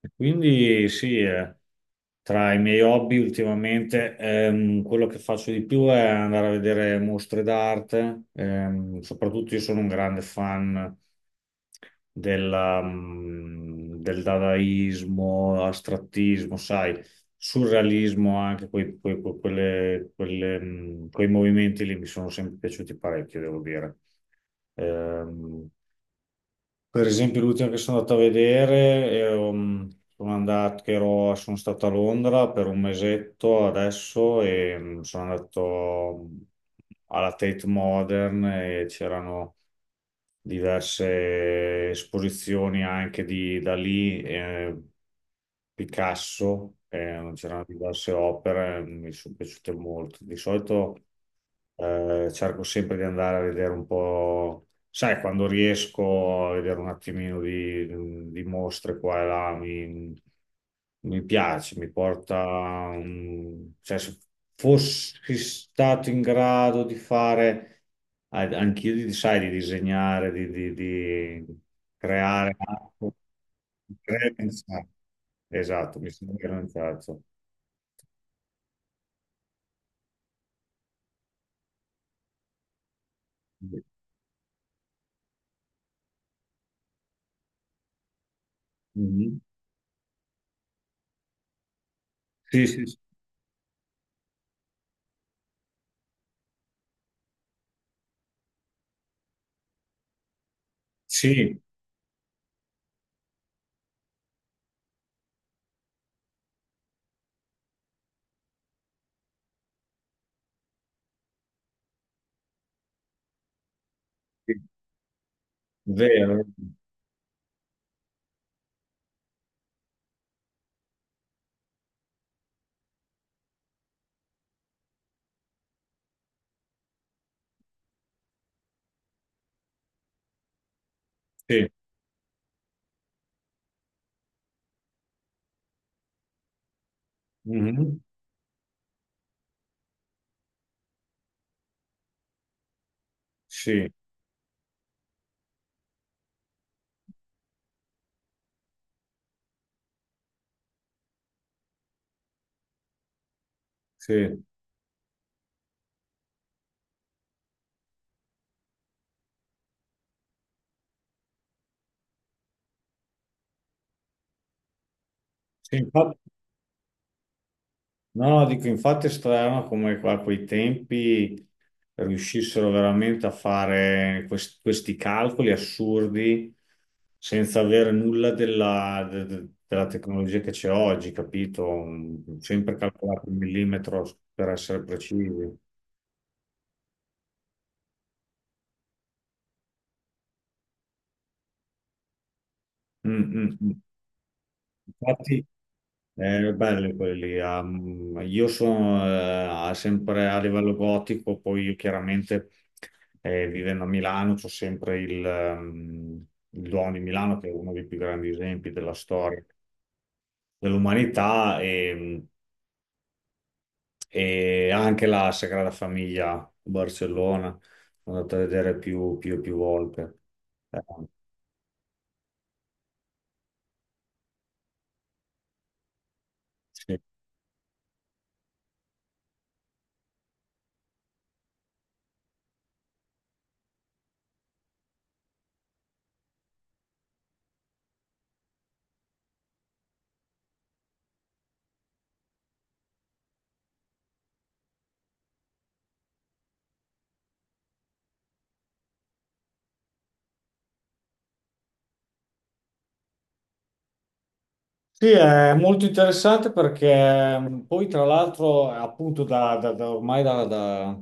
E quindi sì, tra i miei hobby ultimamente quello che faccio di più è andare a vedere mostre d'arte, soprattutto io sono un grande fan del dadaismo, astrattismo, sai, surrealismo, anche quelle, quei movimenti lì mi sono sempre piaciuti parecchio, devo dire. Ehm, per esempio, l'ultima che sono andato a vedere, ero, mm, sono andato, che ero- sono stato a Londra per un mesetto adesso e sono andato mm, alla Tate Modern e c'erano diverse esposizioni anche di Dalì, Picasso, c'erano diverse opere, mi sono piaciute molto. Di solito. Cerco sempre di andare a vedere un po', sai, quando riesco a vedere un attimino di mostre qua e là, mi piace, mi porta, cioè, se fossi stato in grado di fare, anch'io, sai, di disegnare, di creare, creare, pensare. Esatto, mi sono organizzato. Mhm. Sì, sì, sì. Sì, vero. Sì. Mhm. Sì, sì. Sì, infatti, no, dico, infatti è strano come a quei tempi riuscissero veramente a fare questi calcoli assurdi senza avere nulla della tecnologia che c'è oggi, capito? Sempre calcolato il millimetro per essere precisi. Mm, mm, mm. Infatti, eh, belli quelli. Io sono sempre a livello gotico, poi io chiaramente vivendo a Milano c'ho sempre il Duomo di Milano, che è uno dei più grandi esempi della storia dell'umanità, e anche la Sagrada Famiglia a Barcellona, sono andato a vedere più volte. Eh, sì. Sì, è molto interessante perché poi tra l'altro appunto da, da- da ormai da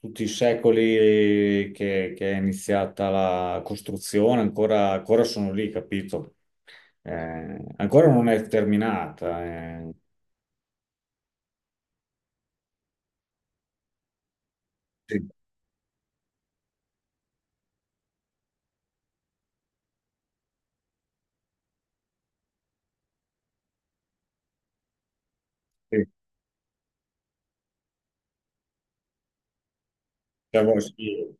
tutti i secoli che è iniziata la costruzione, ancora sono lì, capito? Ancora non è terminata, eh. Sì, sì. Sì,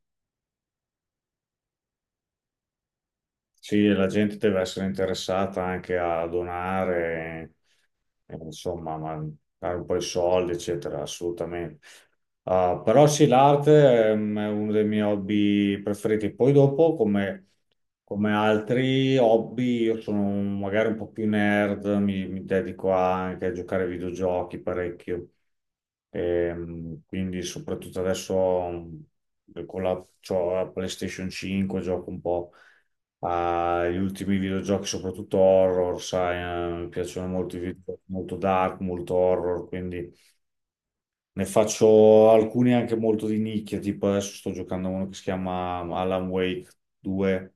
sì, la gente deve essere interessata anche a donare. Insomma, ma dare un po' di soldi, eccetera, assolutamente. Ah, però sì, l'arte è uno dei miei hobby preferiti. Poi dopo, come, come altri hobby, magari un po' più nerd, mi dedico anche a giocare ai videogiochi parecchio. Quindi soprattutto adesso c'ho la PlayStation 5, gioco un po' agli ultimi videogiochi, soprattutto horror, sai, mi piacciono molto i videogiochi, molto dark, molto horror, quindi ne faccio alcuni anche molto di nicchia, tipo adesso sto giocando a uno che si chiama Alan Wake 2,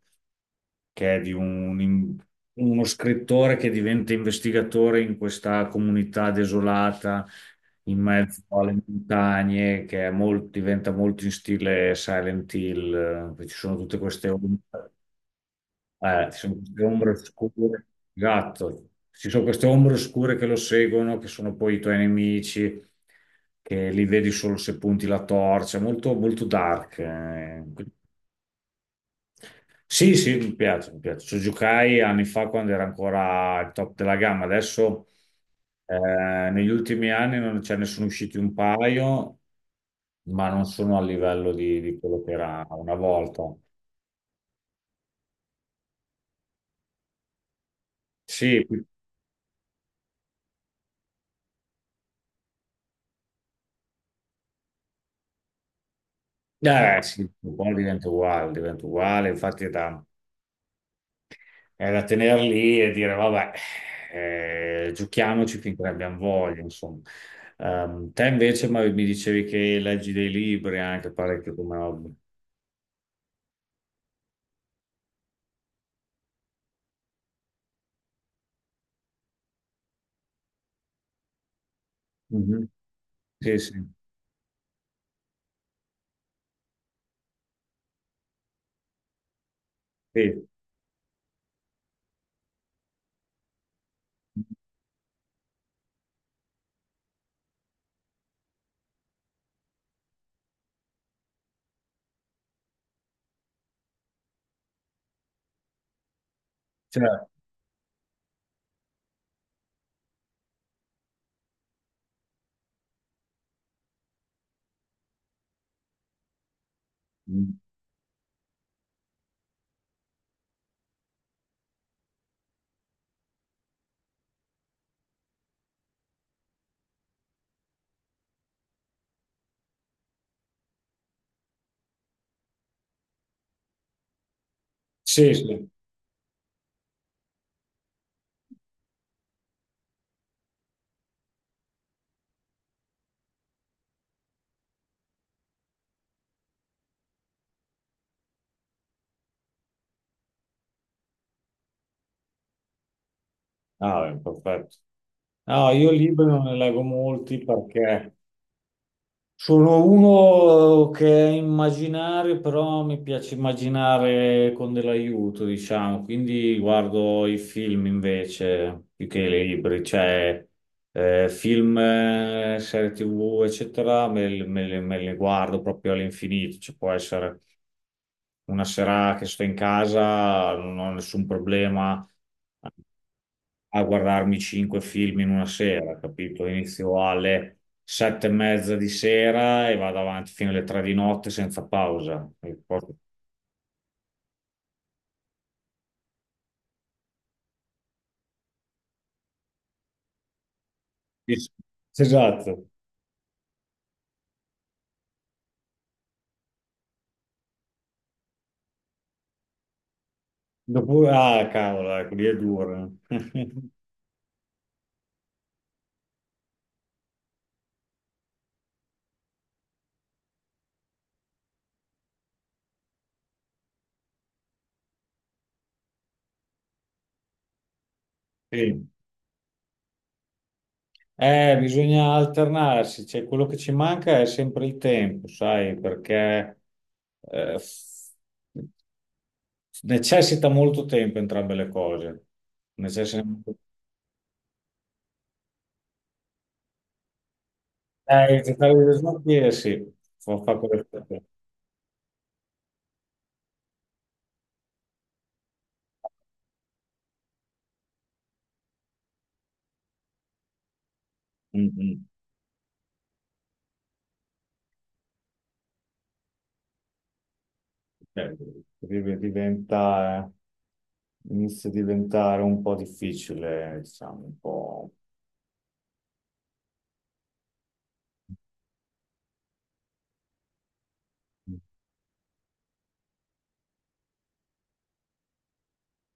che è di un- in- uno scrittore che diventa investigatore in questa comunità desolata in mezzo alle montagne, che è diventa molto in stile Silent Hill, ci sono tutte queste ombre, ci sono queste ombre scure, gatto, ci sono queste ombre oscure che lo seguono, che sono poi i tuoi nemici. Che li vedi solo se punti la torcia, molto, molto dark, eh. Sì, sì, mi piace, mi piace. Ci giocai anni fa quando era ancora il top della gamma. Adesso negli ultimi anni non ce ne sono usciti un paio, ma non sono a livello di quello che era una volta. Sì, qui- sì, un po' diventa uguale, diventa uguale. Infatti è da tenere lì e dire, vabbè, giochiamoci finché ne abbiamo voglia, insomma. Te invece ma mi dicevi che leggi dei libri anche parecchio come hobby. Sì, sì, sì. Cioè, mm, sì, sì. Ah, beh, perfetto. No, io libri non ne leggo molti perché sono uno che è immaginario, però mi piace immaginare con dell'aiuto, diciamo, quindi guardo i film invece più che i libri, cioè film, serie TV, eccetera, me le guardo proprio all'infinito, ci può essere una sera che sto in casa, non ho nessun problema a guardarmi cinque film in una sera, capito? Inizio alle sette e mezza di sera e vado avanti fino alle tre di notte senza pausa. E poi sì, sì. Esatto. Dopo, ah, cavolo, ecco, lì è duro. Sì. Bisogna alternarsi, cioè, quello che ci manca è sempre il tempo, sai, perché eh, necessita molto tempo entrambe le cose. Necessita molto. Gettare gli snotti, sì, fa, fa quello che fa. Mm, mm. Eh, diventa, inizia a diventare un po' difficile, diciamo, un po'.